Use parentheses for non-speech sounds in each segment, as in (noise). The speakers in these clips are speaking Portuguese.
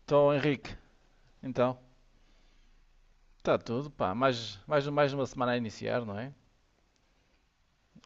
Estou, Henrique. Então, está tudo, pá. Mais uma semana a iniciar, não é?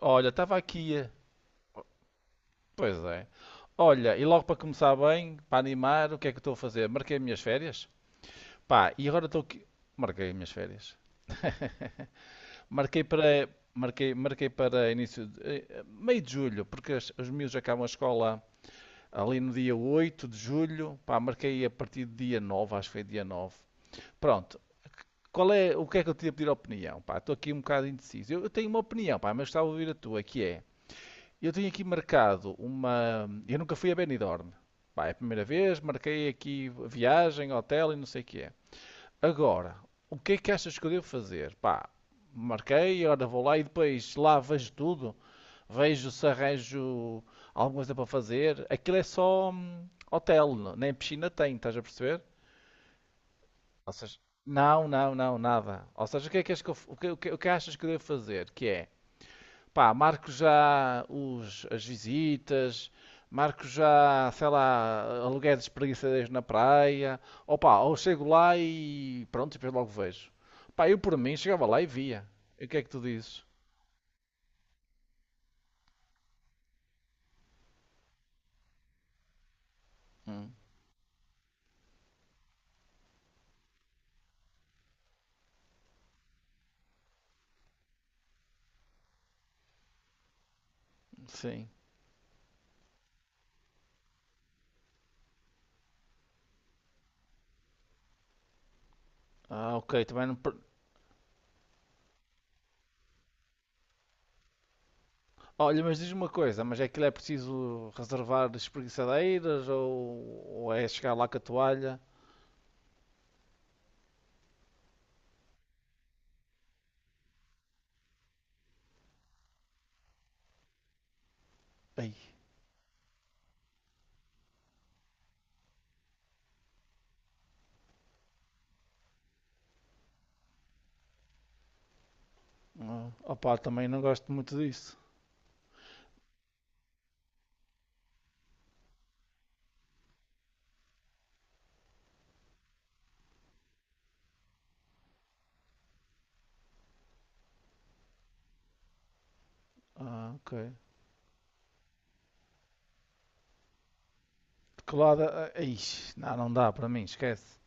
Olha, estava aqui. Pois é. Olha, e logo para começar bem, para animar, o que é que estou a fazer? Marquei as minhas férias. Pá, e agora estou aqui. Marquei as minhas férias. (laughs) Marquei para. Marquei para início de meio de julho, porque os miúdos acabam a escola ali no dia 8 de julho. Pá, marquei a partir do dia 9, acho que foi dia 9. Pronto. Qual é, o que é que eu tinha a pedir a opinião? Pá, estou aqui um bocado indeciso. Eu tenho uma opinião, pá, mas estava a ouvir a tua, que é... Eu tenho aqui marcado uma... Eu nunca fui a Benidorm. Pá, é a primeira vez, marquei aqui viagem, hotel e não sei o que é. Agora, o que é que achas que eu devo fazer? Pá, marquei, ora vou lá e depois lá vejo tudo. Vejo se arranjo alguma coisa para fazer. Aquilo é só hotel, nem piscina tem, estás a perceber? Ou seja, não, nada. Ou seja, o que é que, és que eu, o que, o que, o que achas que eu devo fazer? Que é, pá, marco já as visitas, marco já, sei lá, aluguéis de espreguiçadeiros na praia, ou pá, ou chego lá e pronto, e depois logo vejo. Pá, eu por mim chegava lá e via. E o que é que tu dizes? Hum, sim. Ah, ok, também não. Olha, mas diz-me uma coisa, mas é que é preciso reservar espreguiçadeiras ou é chegar lá com a toalha? Ei. Ah, opá, também não gosto muito disso. Ah, ok. De que lado? Ah, ixi, não, não dá para mim, esquece.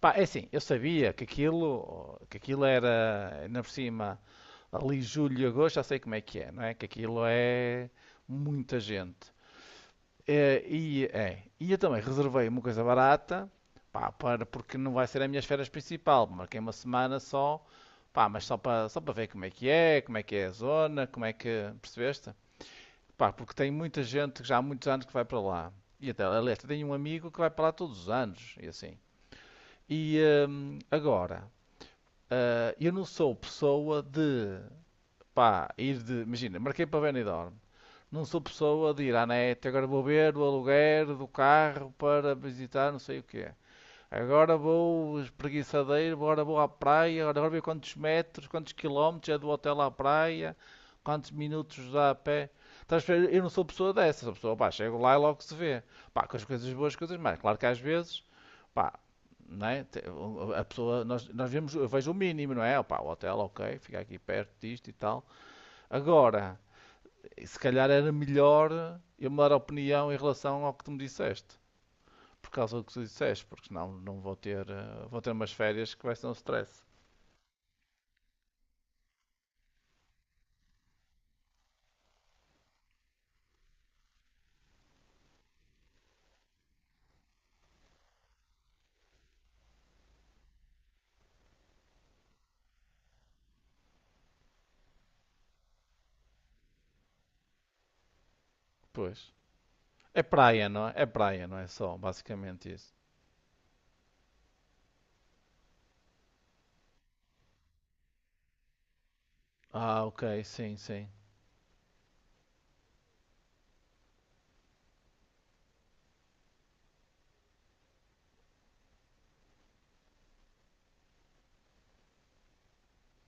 Pá, é assim, eu sabia que aquilo era, ainda por cima, ali julho e agosto, já sei como é que é, não é? Que aquilo é muita gente. E eu também reservei uma coisa barata, pá, para, porque não vai ser a minha férias principal, marquei uma semana só, pá, mas só para, só para ver como é que é, como é que é a zona, como é que, percebeste? Pá, porque tem muita gente que já há muitos anos que vai para lá. E até, aliás, tenho um amigo que vai para lá todos os anos, e assim. E agora, eu não sou pessoa de, pá, ir de, imagina, marquei para Benidorm. Não sou pessoa de ir à net, agora vou ver o aluguer do carro para visitar não sei o quê. Agora vou espreguiçadeiro, agora vou à praia, agora vou ver quantos metros, quantos quilómetros é do hotel à praia, quantos minutos dá a pé. Eu não sou pessoa dessa, sou pessoa, pá, chego lá e logo se vê. Pá, com as coisas boas, coisas mais. Claro que às vezes, pá, não é? A pessoa, nós vemos, eu vejo o mínimo, não é? Pá, o hotel, ok, fica aqui perto disto e tal. Agora, se calhar era melhor eu mudar a opinião em relação ao que tu me disseste por causa do que tu disseste, porque senão não vou ter, vou ter umas férias que vai ser um stress. Pois. É praia, não é? É praia, não é só, basicamente isso. Ah, ok, sim, sim.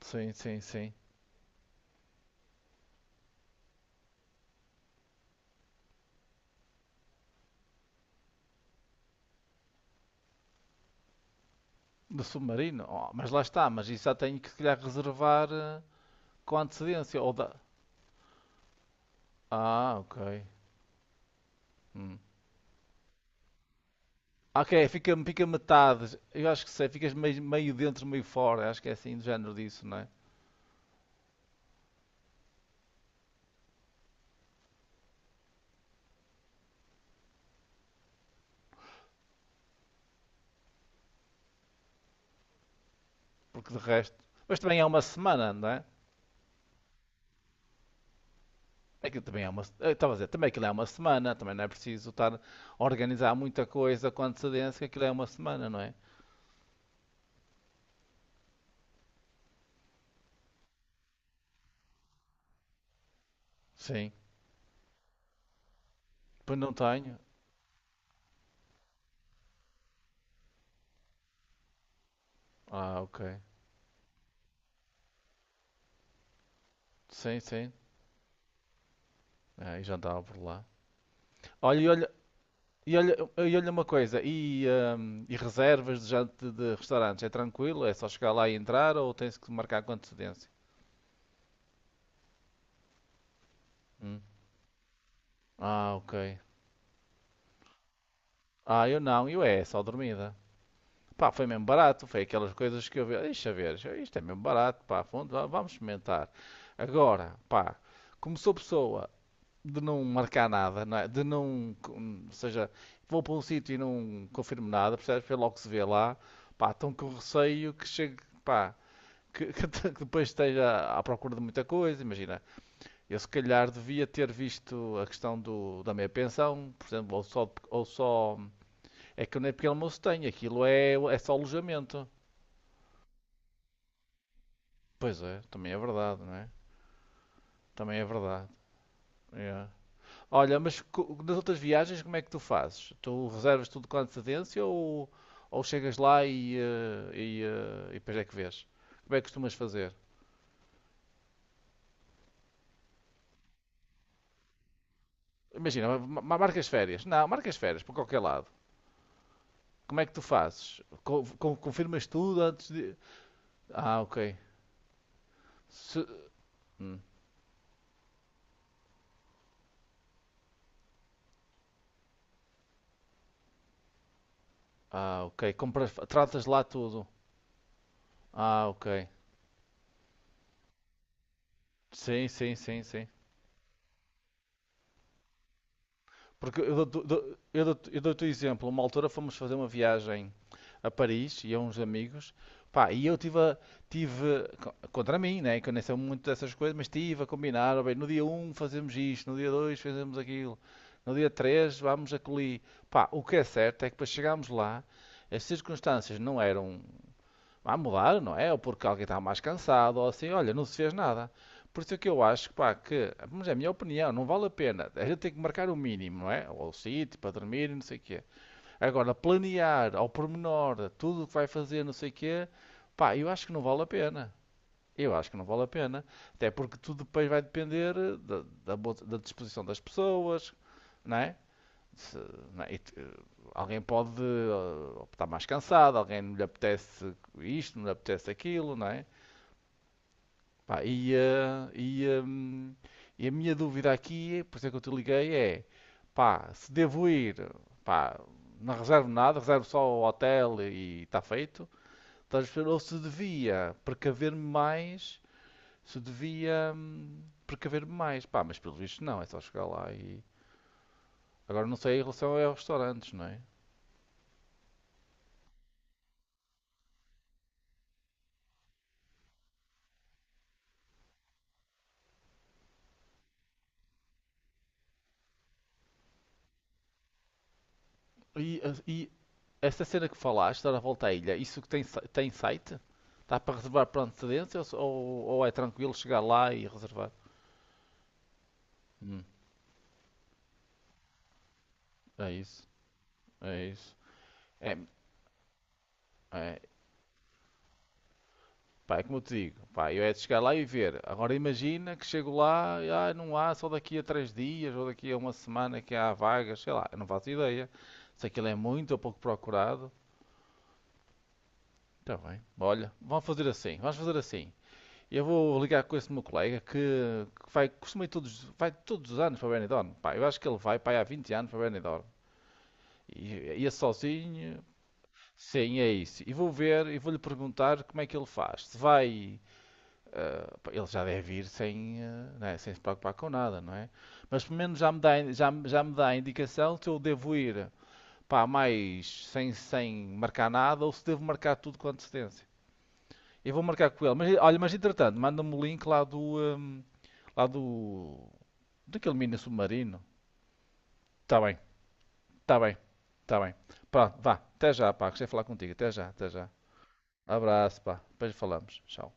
Sim, sim, sim. Do submarino? Oh, mas lá está, mas isso já tenho que se calhar reservar com antecedência. Ou da... Ah, ok. Hum. Ah, ok, fica, fica metade. Eu acho que sei, ficas meio, meio dentro, meio fora. Acho que é assim do género disso, não é? Porque de resto. Mas também é uma semana, não é? Aquilo também é uma, eu estava a dizer, também aquilo é uma semana, também não é preciso estar a organizar muita coisa com antecedência, que aquilo é uma semana, não é? Sim. Pois não tenho. Ah, ok. Sim, sim. Ah, e já andava por lá. Olha, e olha, e olha, e olha uma coisa, e reservas de restaurantes, é tranquilo? É só chegar lá e entrar ou tens que marcar com antecedência? Hum. Ah, ok. Ah, eu não, eu é, só dormida. Pá, foi mesmo barato, foi aquelas coisas que eu vi, deixa ver, isto é mesmo barato, pá, vamos experimentar. Agora, pá, como sou pessoa de não marcar nada, não é? De não, ou seja, vou para um sítio e não confirmo nada, percebes? Foi logo que se vê lá, pá, estão com receio que chegue, pá, que, (laughs) que depois esteja à procura de muita coisa, imagina, eu se calhar devia ter visto a questão da minha pensão, por exemplo, ou só, é que eu nem pequeno almoço tenho, aquilo é, é só alojamento. Pois é, também é verdade, não é? Também é verdade. É. Olha, mas nas outras viagens como é que tu fazes? Tu reservas tudo com antecedência ou chegas lá e depois é que vês? Como é que costumas fazer? Imagina, marcas férias. Não, marcas férias para qualquer lado. Como é que tu fazes? Confirmas tudo antes de. Ah, ok. Se- hum. Ah, ok. Compras, tratas lá tudo. Ah, ok. Sim, sim, sim, sim. Porque eu dou-te dou- eu dou-te o exemplo. Uma altura fomos fazer uma viagem a Paris, e a uns amigos, pá, e eu tive, tive contra mim, né, que eu nem sei muito dessas coisas, mas tive a combinar, ó bem, no dia um fazemos isto, no dia 2 fazemos aquilo, no dia 3 vamos a Coli. Pá, o que é certo é que para chegarmos lá, as circunstâncias não eram. Vai mudar, não é? Ou porque alguém está mais cansado, ou assim, olha, não se fez nada. Por isso é que eu acho, pá, que, mas é a minha opinião, não vale a pena. A gente tem que marcar o mínimo, não é? Ou o sítio para dormir, não sei o quê. Agora, planear ao pormenor tudo o que vai fazer, não sei o quê, pá, eu acho que não vale a pena. Eu acho que não vale a pena. Até porque tudo depois vai depender da da disposição das pessoas, não é? Se, não é? Alguém pode estar mais cansado, alguém não lhe apetece isto, não lhe apetece aquilo, não é? Pá, e a minha dúvida aqui, por isso é que eu te liguei, é pá, se devo ir, pá, não reservo nada, reservo só o hotel e está feito, estás a perceber? Ou se devia precaver-me mais, se devia precaver-me mais, pá, mas pelo visto não, é só chegar lá e. Agora não sei em relação a restaurantes, não é? E, e Esta cena que falaste, dar a volta à ilha, isso que tem, tem site? Dá para reservar por antecedência ou, ou é tranquilo chegar lá e reservar? Hum, é isso, é isso. É, é, pá, é como eu te digo, pá, eu é de chegar lá e ver. Agora imagina que chego lá e ah, não há, só daqui a três dias ou daqui a uma semana que há vagas, sei lá, eu não faço ideia. Se aquilo é muito ou pouco procurado, está bem. Olha, vamos fazer assim, vamos fazer assim. Eu vou ligar com esse meu colega que vai, costuma ir todos, vai todos os anos para Benidorm. Pá, eu acho que ele vai, pá, há 20 anos para Benidorm. E ia sozinho. Sim, é isso. E vou ver e vou-lhe perguntar como é que ele faz. Se vai. Ah, pá, ele já deve ir sem, ah, né, sem se preocupar com nada, não é? Mas pelo menos já me dá, já me dá a indicação se eu devo ir pá, mais sem, sem marcar nada ou se devo marcar tudo com antecedência. Eu vou marcar com ele. Mas olha, mas entretanto, manda-me o link lá do. Lá do. Daquele mini submarino. Está bem, está bem, está bem. Pronto, vá. Até já, pá. Gostei de falar contigo. Até já, até já. Abraço, pá. Depois falamos. Tchau.